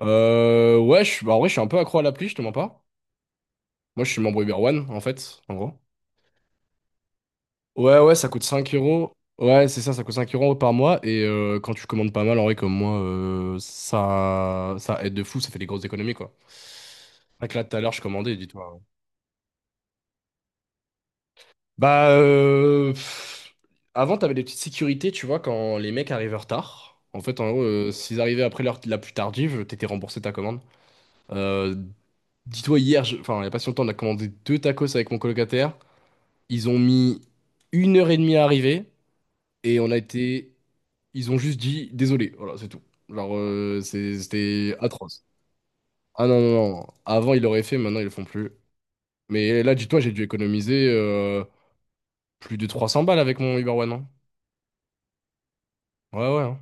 Ouais, bah, en vrai, je suis un peu accro à l'appli, je te mens pas. Moi, je suis membre Uber One, en fait, en gros. Ouais, ouais, ça coûte 5 euros. Ouais, c'est ça, ça coûte 5 euros par mois. Et quand tu commandes pas mal, en vrai, comme moi, ça, ça aide de fou, ça fait des grosses économies, quoi. C'est vrai que là, tout à l'heure, je commandais, dis-toi. Bah, avant, t'avais des petites sécurités, tu vois, quand les mecs arrivaient en retard. En fait, en gros, s'ils arrivaient après l'heure la plus tardive, t'étais remboursé ta commande. Euh, Dis-toi, hier, enfin, il n'y a pas si longtemps, on a commandé deux tacos avec mon colocataire. Ils ont mis une heure et demie à arriver et on a été. Ils ont juste dit désolé, voilà, c'est tout. Genre, c'était atroce. Ah non, non, non. Avant, ils l'auraient fait, maintenant, ils le font plus. Mais là, dis-toi, j'ai dû économiser plus de 300 balles avec mon Uber One, hein. Ouais, ouais, hein.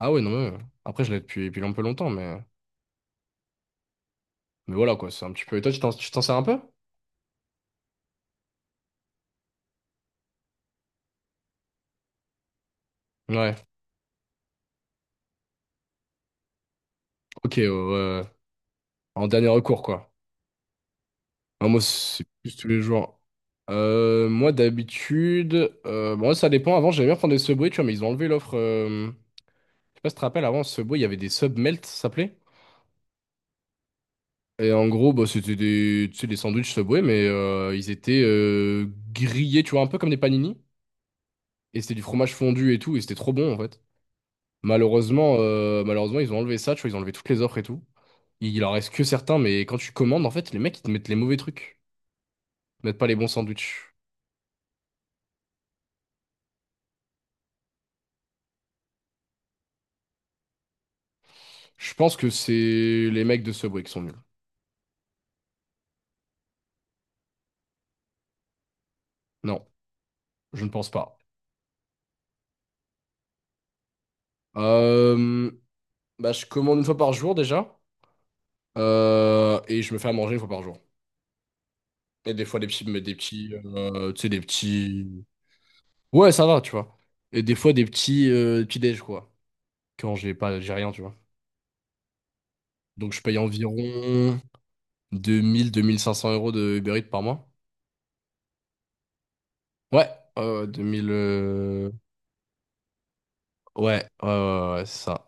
Ah ouais, non, mais. Après, je l'ai depuis un peu longtemps, mais. Mais voilà, quoi, c'est un petit peu. Et toi, tu t'en sers un peu? Ouais. Ok, en dernier recours, quoi. Ah, moi, c'est plus tous les jours. Moi, d'habitude, bon, ça dépend. Avant, j'aimais bien prendre des Subway, tu vois, mais ils ont enlevé l'offre. Je sais pas si tu te rappelles, avant, Subway, il y avait des sub melt, ça s'appelait. Et en gros, bah, c'était des, tu sais, des sandwichs Subway, mais ils étaient grillés, tu vois, un peu comme des panini. Et c'était du fromage fondu et tout, et c'était trop bon, en fait. Malheureusement, ils ont enlevé ça, tu vois, ils ont enlevé toutes les offres et tout. Il en reste que certains, mais quand tu commandes, en fait, les mecs, ils te mettent les mauvais trucs. Ils te mettent pas les bons sandwichs. Je pense que c'est les mecs de Subway qui sont nuls. Non, je ne pense pas. Euh, bah, je commande une fois par jour déjà. Et je me fais à manger une fois par jour. Et des fois des petits, mais des petits, tu sais, des petits. Ouais, ça va, tu vois. Et des fois des petits, petits déj, quoi. Quand j'ai pas, j'ai rien, tu vois. Donc je paye environ 2000-2500 euros de Uber Eats par mois. Ouais, 2000. Ouais, ouais, ouais, ouais, c'est ça.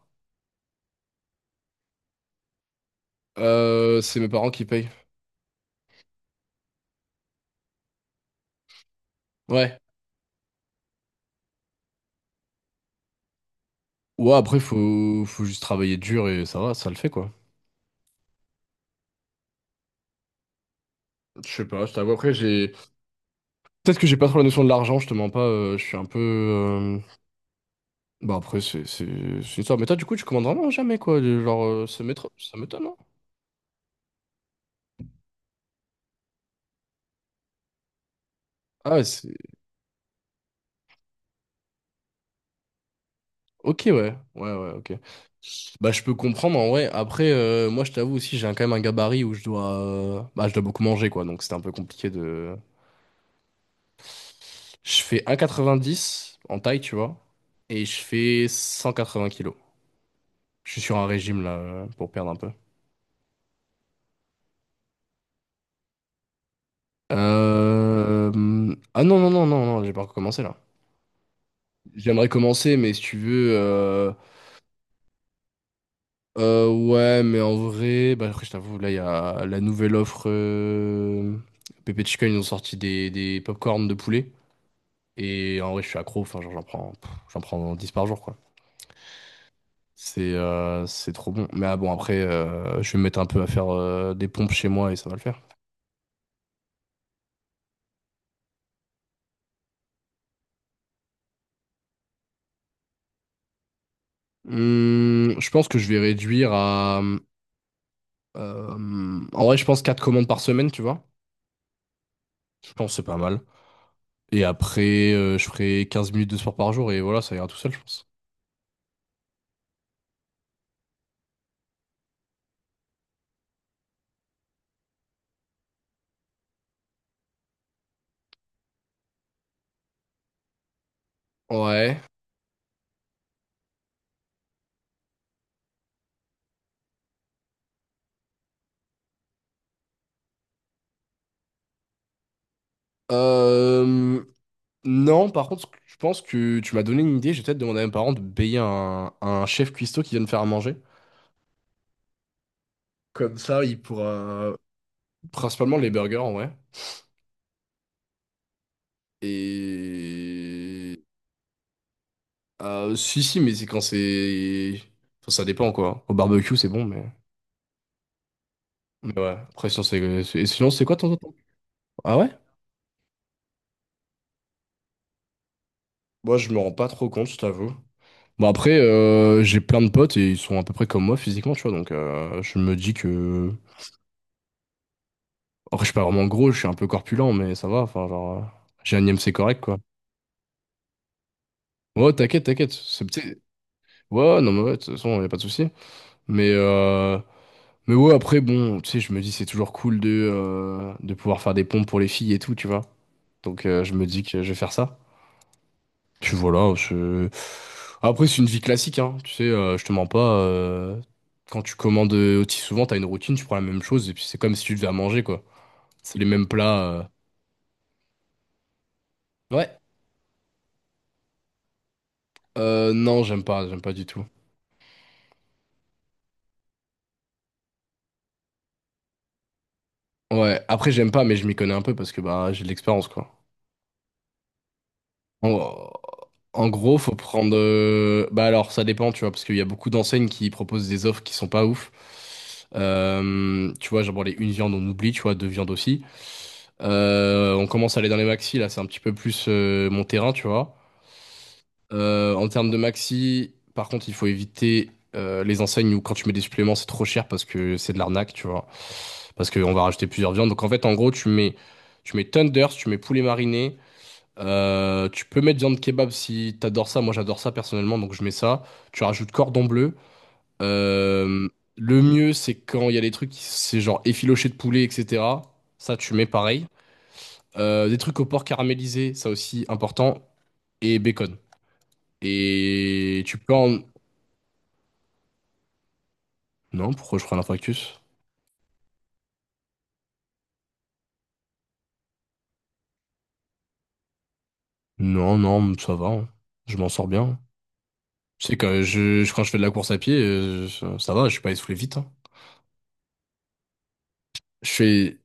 C'est mes parents qui payent. Ouais. Ouais, après, faut juste travailler dur et ça va, ça le fait, quoi. Je sais pas, je t'avoue, après, j'ai... Peut-être que j'ai pas trop la notion de l'argent, je te mens pas, je suis un peu... Bah après, c'est ça. Mais toi, du coup, tu commandes vraiment jamais, quoi. Du Genre, ça m'étonne, hein. Ah, c'est... Ok, ouais. Ouais, ouais, ok. Bah, je peux comprendre, en vrai. Après, moi, je t'avoue aussi, quand même un gabarit où je dois... Bah, je dois beaucoup manger, quoi. Donc, c'était un peu compliqué de... Je fais 1,90 en taille, tu vois. Et je fais 180 kilos. Je suis sur un régime là pour perdre un peu. Ah non, non, non, non, non, j'ai pas recommencé là. J'aimerais commencer, mais si tu veux. Ouais, mais en vrai, bah, après, je t'avoue, là, il y a la nouvelle offre. Pepe Chica, ils ont sorti des pop de poulet. Et en vrai, je suis accro, enfin, genre, j'en prends 10 par jour, quoi. C'est trop bon. Mais ah bon, après, je vais me mettre un peu à faire des pompes chez moi et ça va le faire. Je pense que je vais réduire à. En vrai, je pense 4 commandes par semaine, tu vois. Je pense que c'est pas mal. Et après, je ferai 15 minutes de sport par jour et voilà, ça ira tout seul, je pense. Ouais. Euh, non, par contre, je pense que tu m'as donné une idée. Je vais peut-être demander à mes parents de payer un chef cuistot qui vienne faire à manger. Comme ça, il pourra... Principalement les burgers, en vrai. Et... Si, si, mais c'est quand c'est... Enfin, ça dépend, quoi. Au barbecue, c'est bon, mais... Mais ouais. Après, sinon, et sinon, c'est quoi ton... ton- Ah ouais? Moi, je me rends pas trop compte, je t'avoue. Bon, après, j'ai plein de potes et ils sont à peu près comme moi physiquement, tu vois. Donc, je me dis que. Après, je suis pas vraiment gros, je suis un peu corpulent, mais ça va. Enfin, genre, j'ai un IMC correct, quoi. Ouais, t'inquiète, t'inquiète. C'est petit. Ouais, non, mais ouais, de toute façon, y a pas de souci. Mais, euh, mais ouais, après, bon, tu sais, je me dis, c'est toujours cool de pouvoir faire des pompes pour les filles et tout, tu vois. Donc, je me dis que je vais faire ça. Puis voilà, je... Après, c'est une vie classique, hein. Tu sais, je te mens pas. Quand tu commandes aussi souvent, t'as une routine, tu prends la même chose, et puis c'est comme si tu devais à manger, quoi. C'est les mêmes plats. Ouais. Non, j'aime pas du tout. Ouais, après, j'aime pas, mais je m'y connais un peu parce que bah, j'ai de l'expérience, quoi. En... en gros, faut prendre. Bah alors, ça dépend, tu vois, parce qu'il y a beaucoup d'enseignes qui proposent des offres qui sont pas ouf. Tu vois, genre, bon, les une viande, on oublie, tu vois, deux viandes aussi. On commence à aller dans les maxi, là, c'est un petit peu plus mon terrain, tu vois. En termes de maxi, par contre, il faut éviter les enseignes où quand tu mets des suppléments, c'est trop cher parce que c'est de l'arnaque, tu vois. Parce qu'on va rajouter plusieurs viandes. Donc en fait, en gros, tu mets tenders, tu mets poulet mariné. Tu peux mettre viande kebab si t'adores ça. Moi, j'adore ça personnellement, donc je mets ça. Tu rajoutes cordon bleu. Euh, le mieux, c'est quand il y a des trucs qui c'est genre effiloché de poulet, etc. Ça, tu mets pareil. Des trucs au porc caramélisé, ça aussi important. Et bacon. Et tu peux en... Non, pourquoi je prends l'infarctus? Non, non, ça va, hein. Je m'en sors bien. Tu sais, quand quand je fais de la course à pied, ça, ça va, je suis pas essoufflé vite, hein. Je fais...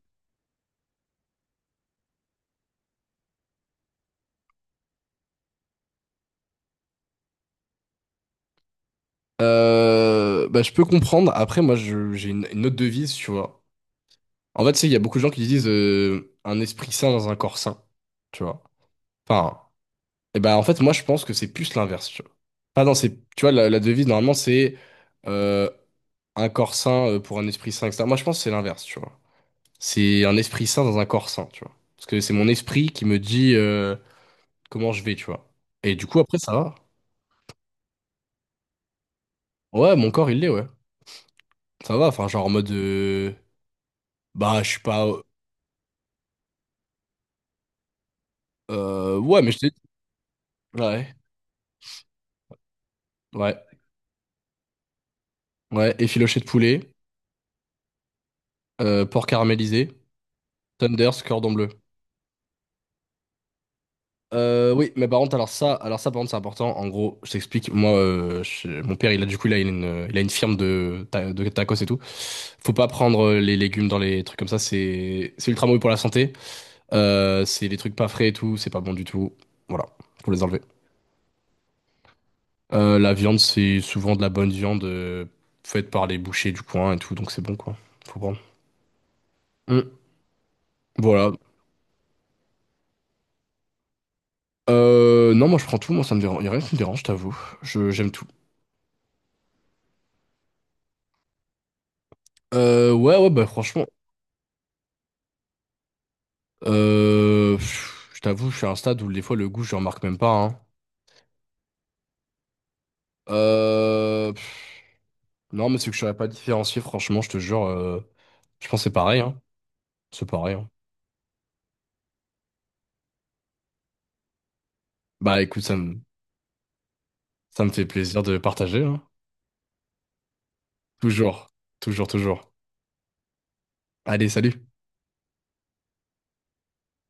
Bah, je peux comprendre. Après, moi, j'ai une autre devise, tu vois. En fait, tu sais, il y a beaucoup de gens qui disent un esprit sain dans un corps sain, tu vois. Enfin, et ben, en fait, moi, je pense que c'est plus l'inverse, tu vois. Pas dans ces... Tu vois, la devise, normalement, c'est... euh, un corps sain pour un esprit sain, etc. Moi, je pense que c'est l'inverse, tu vois. C'est un esprit sain dans un corps sain, tu vois. Parce que c'est mon esprit qui me dit comment je vais, tu vois. Et du coup, après, ça va. Ouais, mon corps, il l'est, ouais. Ça va, enfin, genre en mode... Bah, je suis pas... Ouais, mais je t'ai dit... Ouais, ouais, ouais. Effiloché de poulet, porc caramélisé, Thunders, cordon bleu. Oui, mais par contre, alors ça, par contre, c'est important. En gros, je t'explique. Moi, mon père, il a du coup, il a une firme de tacos et tout. Faut pas prendre les légumes dans les trucs comme ça. C'est ultra mauvais pour la santé. C'est les trucs pas frais et tout. C'est pas bon du tout. Voilà, faut les enlever. La viande, c'est souvent de la bonne viande faite par les bouchers du coin et tout, donc c'est bon quoi. Faut prendre. Hum, Voilà. Non, moi je prends tout. Moi, ça me dérange. Y a rien qui me dérange, je t'avoue. J'aime tout. Ouais, ouais, bah franchement. Je t'avoue, je suis à un stade où des fois le goût, je le remarque même pas, hein. Euh, pff, non, mais c'est que je saurais pas différencier, franchement, je te jure. Je pense que c'est pareil, hein. C'est pareil, hein. Bah écoute, ça me fait plaisir de partager, hein. Toujours, toujours, toujours. Allez, salut.